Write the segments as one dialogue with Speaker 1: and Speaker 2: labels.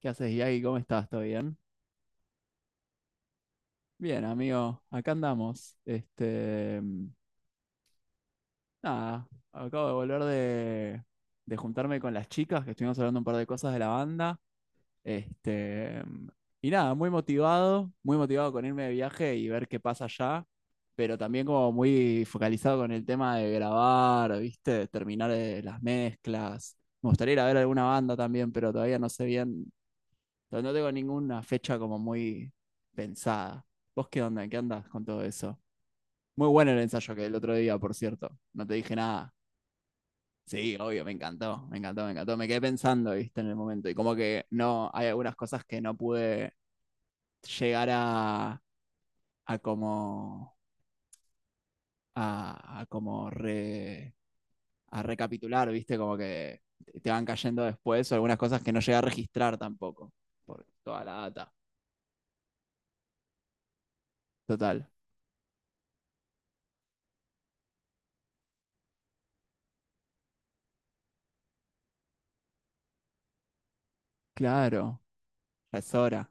Speaker 1: ¿Qué haces, Yagi? ¿Cómo estás? ¿Todo bien? Bien, amigo, acá andamos. Nada, acabo de volver de, juntarme con las chicas, que estuvimos hablando un par de cosas de la banda. Este, mm, y nada, muy motivado con irme de viaje y ver qué pasa allá, pero también como muy focalizado con el tema de grabar, ¿viste? Terminar las mezclas. Me gustaría ir a ver alguna banda también, pero todavía no sé bien. Pero no tengo ninguna fecha como muy pensada. ¿Vos qué onda? ¿En qué andás con todo eso? Muy bueno el ensayo que el otro día, por cierto. No te dije nada. Sí, obvio, me encantó, me encantó, me encantó. Me quedé pensando, viste, en el momento. Y como que no, hay algunas cosas que no pude llegar a, como, a, como re, a recapitular, viste, como que te van cayendo después, o algunas cosas que no llegué a registrar tampoco, por toda la data. Total. Claro, ya es hora.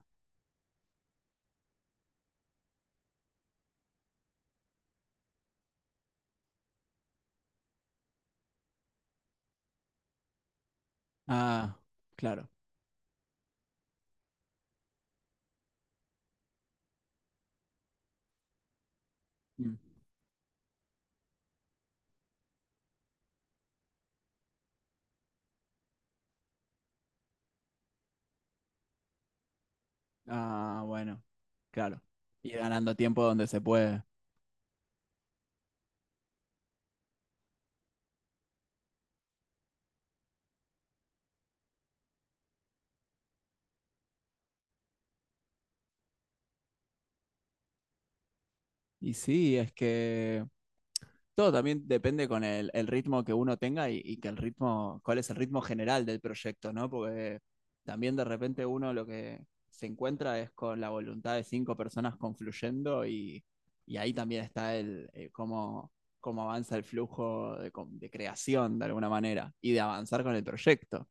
Speaker 1: Ah, claro. Mm. Ah, bueno, claro. Ir ganando tiempo donde se puede. Y sí, es que todo también depende con el, ritmo que uno tenga y que el ritmo, ¿cuál es el ritmo general del proyecto, no? Porque también de repente uno lo que se encuentra es con la voluntad de cinco personas confluyendo y ahí también está el, cómo, avanza el flujo de, de creación de alguna manera y de avanzar con el proyecto.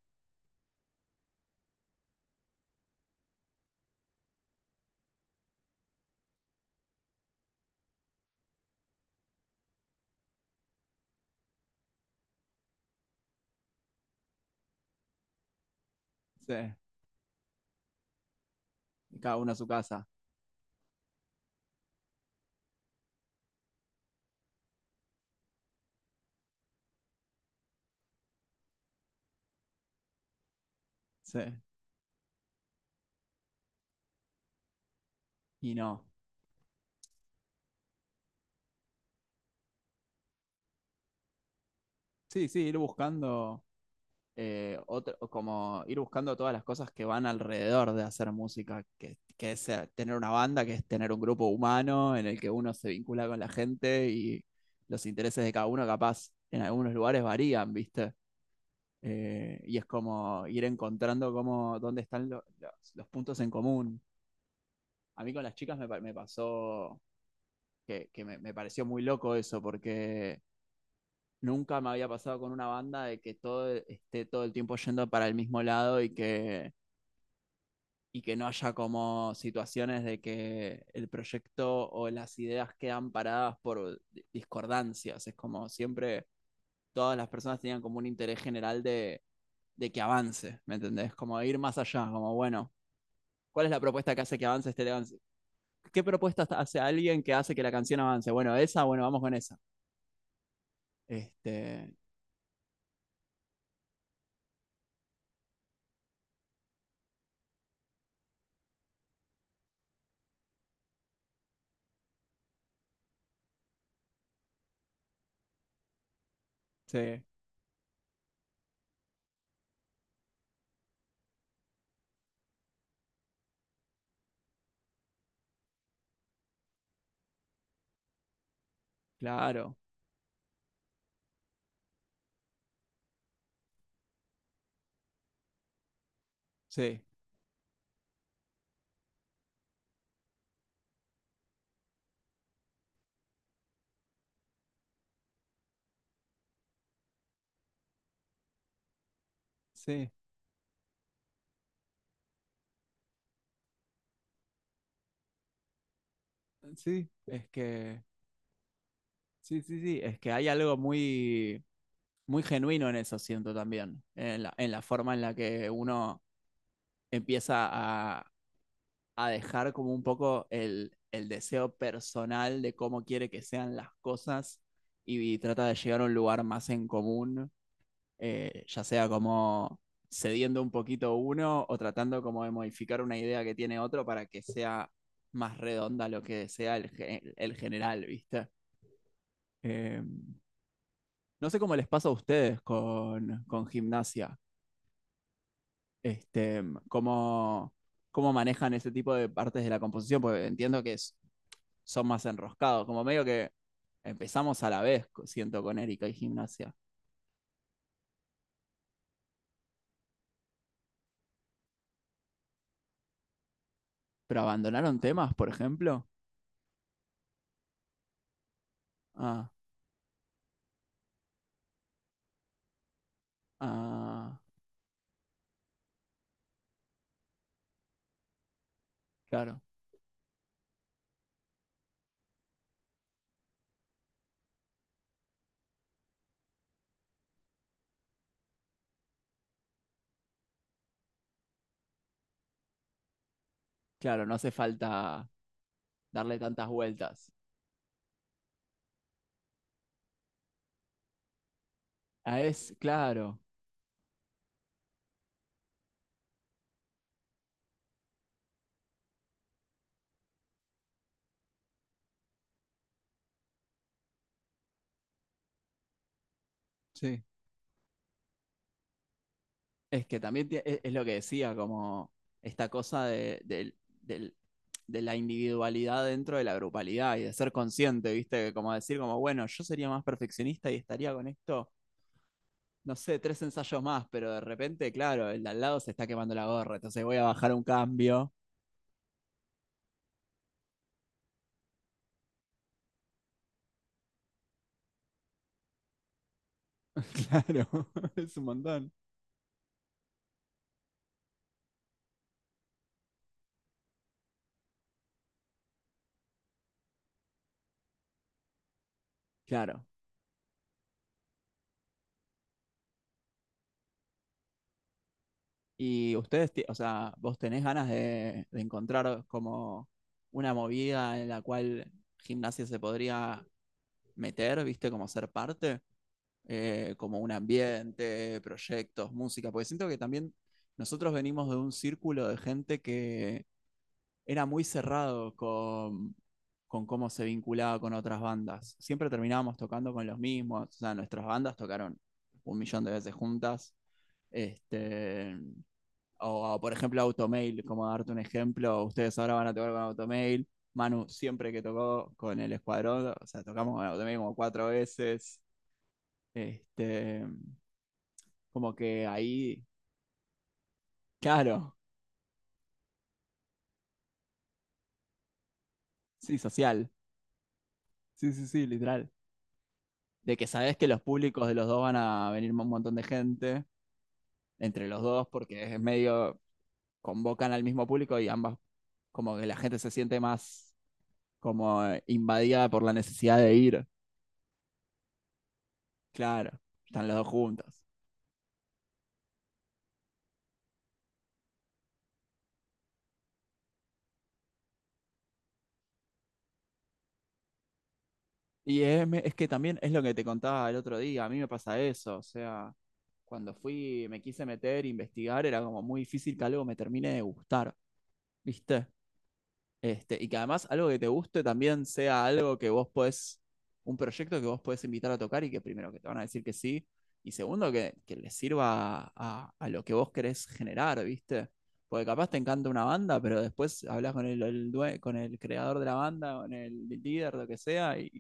Speaker 1: Sí, cada uno a su casa. Sí, y no. Sí, sí, ir buscando otro, como ir buscando todas las cosas que van alrededor de hacer música, que es tener una banda, que es tener un grupo humano en el que uno se vincula con la gente y los intereses de cada uno capaz en algunos lugares varían, ¿viste? Y es como ir encontrando cómo, dónde están los, puntos en común. A mí con las chicas me pasó que, me pareció muy loco eso, porque nunca me había pasado con una banda de que todo esté todo el tiempo yendo para el mismo lado y que, no haya como situaciones de que el proyecto o las ideas quedan paradas por discordancias. Es como siempre todas las personas tenían como un interés general de, que avance, ¿me entendés? Como ir más allá, como bueno, ¿cuál es la propuesta que hace que avance este avance? ¿Qué propuesta hace alguien que hace que la canción avance? Bueno, esa, bueno, vamos con esa. Este, sí, claro, sí, sí. Sí, es que, sí, sí, sí, es que hay algo muy, muy genuino en eso, siento también, en la, forma en la que uno empieza a dejar como un poco el, deseo personal de cómo quiere que sean las cosas y trata de llegar a un lugar más en común, ya sea como cediendo un poquito uno o tratando como de modificar una idea que tiene otro para que sea más redonda lo que sea el, el general, ¿viste? Eh, No sé cómo les pasa a ustedes con, gimnasia, este, cómo, manejan ese tipo de partes de la composición, porque entiendo que son más enroscados, como medio que empezamos a la vez, siento, con Erika y gimnasia. Pero abandonaron temas, por ejemplo. Ah, ah, claro, claro, no hace falta darle tantas vueltas. Ah, es, claro. Sí. Es que también es lo que decía, como esta cosa de, del- de la individualidad dentro de la grupalidad y de ser consciente, ¿viste? Como decir, como, bueno, yo sería más perfeccionista y estaría con esto, no sé, tres ensayos más, pero de repente, claro, el de al lado se está quemando la gorra, entonces voy a bajar un cambio. Claro, es un montón. Claro. Y ustedes, o sea, vos tenés ganas de, encontrar como una movida en la cual gimnasia se podría meter, ¿viste? Como ser parte, como un ambiente, proyectos, música, porque siento que también nosotros venimos de un círculo de gente que era muy cerrado con, cómo se vinculaba con otras bandas. Siempre terminábamos tocando con los mismos, o sea, nuestras bandas tocaron un millón de veces juntas. Este, o, por ejemplo Automail, como darte un ejemplo, ustedes ahora van a tocar con Automail. Manu siempre que tocó con el escuadrón, o sea, tocamos con Automail como cuatro veces. Este, como que ahí, claro, sí, social. Sí, sí, sí, literal. De que sabes que los públicos de los dos van a venir un montón de gente entre los dos porque es medio convocan al mismo público y ambas como que la gente se siente más como invadida por la necesidad de ir. Claro, están los dos juntos. Y es, es que también es lo que te contaba el otro día, a mí me pasa eso, o sea, cuando fui, me quise meter, investigar, era como muy difícil que algo me termine de gustar, ¿viste? Y que además algo que te guste también sea algo que vos podés, un proyecto que vos podés invitar a tocar y que primero que te van a decir que sí, y segundo que, les sirva a, lo que vos querés generar, ¿viste? Porque capaz te encanta una banda, pero después hablas con el con el creador de la banda, con el líder, lo que sea, y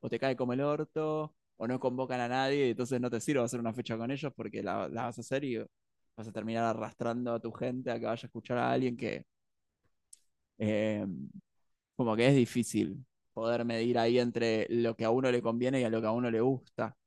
Speaker 1: o te cae como el orto, o no convocan a nadie, y entonces no te sirve hacer una fecha con ellos porque la, vas a hacer y vas a terminar arrastrando a tu gente a que vaya a escuchar a alguien que eh, como que es difícil poder medir ahí entre lo que a uno le conviene y a lo que a uno le gusta.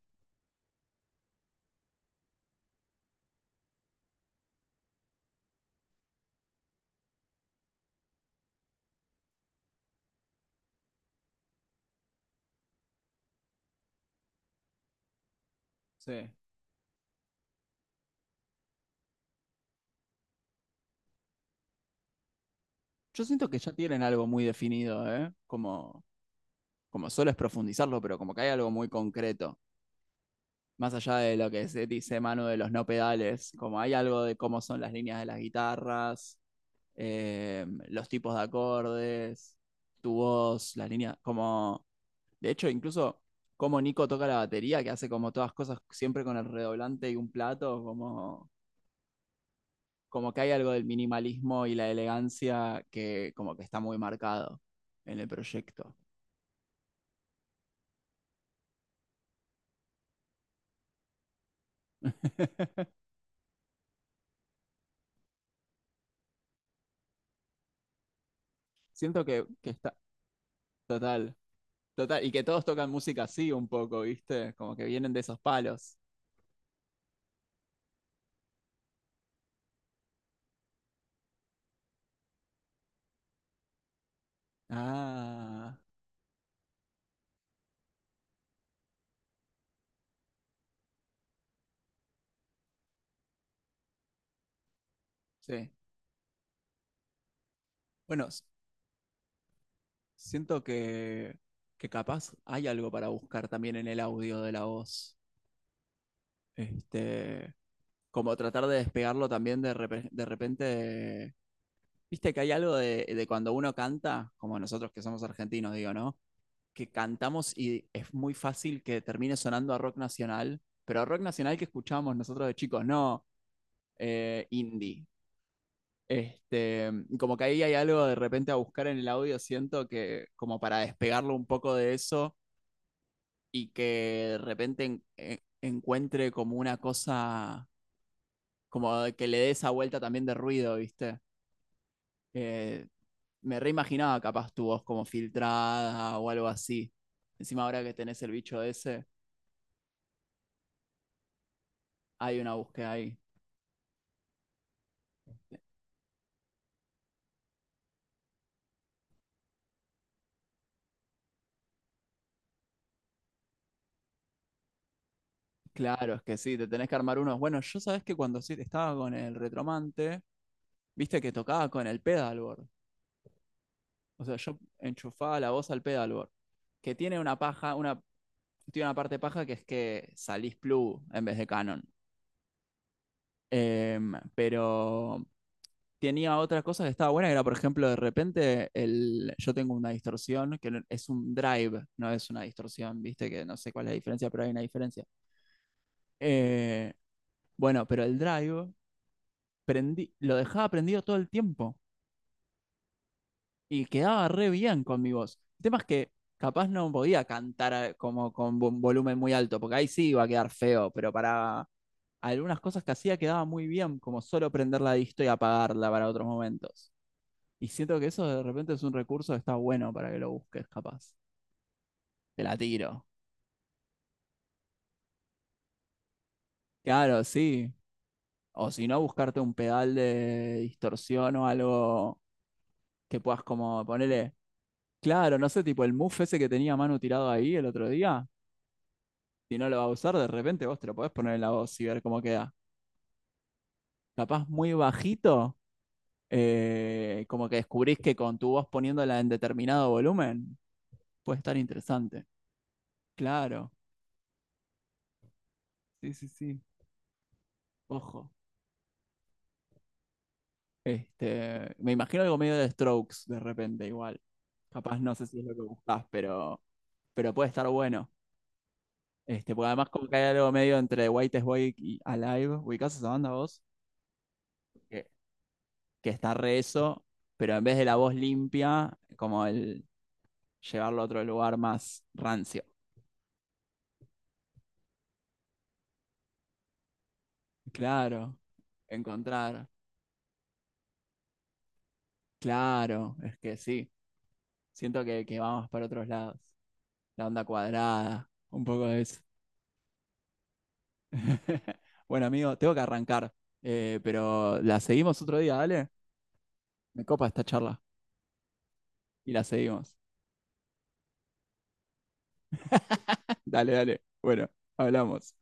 Speaker 1: Sí. Yo siento que ya tienen algo muy definido, ¿eh? Como, como solo es profundizarlo, pero como que hay algo muy concreto. Más allá de lo que se dice Manu de los no pedales, como hay algo de cómo son las líneas de las guitarras, los tipos de acordes, tu voz, las líneas, como... De hecho, incluso como Nico toca la batería, que hace como todas cosas siempre con el redoblante y un plato, como como que hay algo del minimalismo y la elegancia que como que está muy marcado en el proyecto. Siento que está total, total, y que todos tocan música así un poco, ¿viste? Como que vienen de esos palos. Ah, sí. Bueno, siento que, capaz hay algo para buscar también en el audio de la voz. Este, como tratar de despegarlo también de, de repente. Viste que hay algo de, cuando uno canta, como nosotros que somos argentinos, digo, ¿no? Que cantamos y es muy fácil que termine sonando a rock nacional, pero a rock nacional que escuchábamos nosotros de chicos, no indie. Este, como que ahí hay algo de repente a buscar en el audio, siento que como para despegarlo un poco de eso y que de repente encuentre como una cosa, como que le dé esa vuelta también de ruido, ¿viste? Eh, me reimaginaba capaz tu voz como filtrada o algo así. Encima ahora que tenés el bicho ese, hay una búsqueda ahí. Claro, es que sí, te tenés que armar unos. Bueno, yo sabés que cuando sí estaba con el retromante, viste que tocaba con el pedalboard. O sea, yo enchufaba la voz al pedalboard, que tiene una paja, una, tiene una parte paja que es que salís Plu en vez de Canon. Pero tenía otra cosa que estaba buena, que era, por ejemplo, de repente el, yo tengo una distorsión, que es un drive, no es una distorsión, viste, que no sé cuál es la diferencia, pero hay una diferencia. Eh, bueno, pero el drive prendí, lo dejaba prendido todo el tiempo y quedaba re bien con mi voz. El tema es que capaz no podía cantar como con un volumen muy alto, porque ahí sí iba a quedar feo, pero para algunas cosas que hacía quedaba muy bien, como solo prender la disto y apagarla para otros momentos. Y siento que eso de repente es un recurso que está bueno para que lo busques, capaz. Te la tiro. Claro, sí. O si no, buscarte un pedal de distorsión o algo que puedas como ponerle. Claro, no sé, tipo el muff ese que tenía Manu tirado ahí el otro día, si no lo va a usar, de repente vos te lo podés poner en la voz y ver cómo queda. Capaz muy bajito, como que descubrís que con tu voz poniéndola en determinado volumen, puede estar interesante. Claro, sí, sí, sí, ojo. Me imagino algo medio de Strokes de repente igual. Capaz no sé si es lo que buscás, pero puede estar bueno. Porque además como que hay algo medio entre White is White y Alive, ¿ubicás esa banda vos? Que que está re eso, pero en vez de la voz limpia, como el llevarlo a otro lugar más rancio. Claro, encontrar. Claro, es que sí. Siento que vamos para otros lados. La onda cuadrada, un poco de eso. Bueno, amigo, tengo que arrancar, pero la seguimos otro día, dale. Me copa esta charla y la seguimos. Dale, dale. Bueno, hablamos.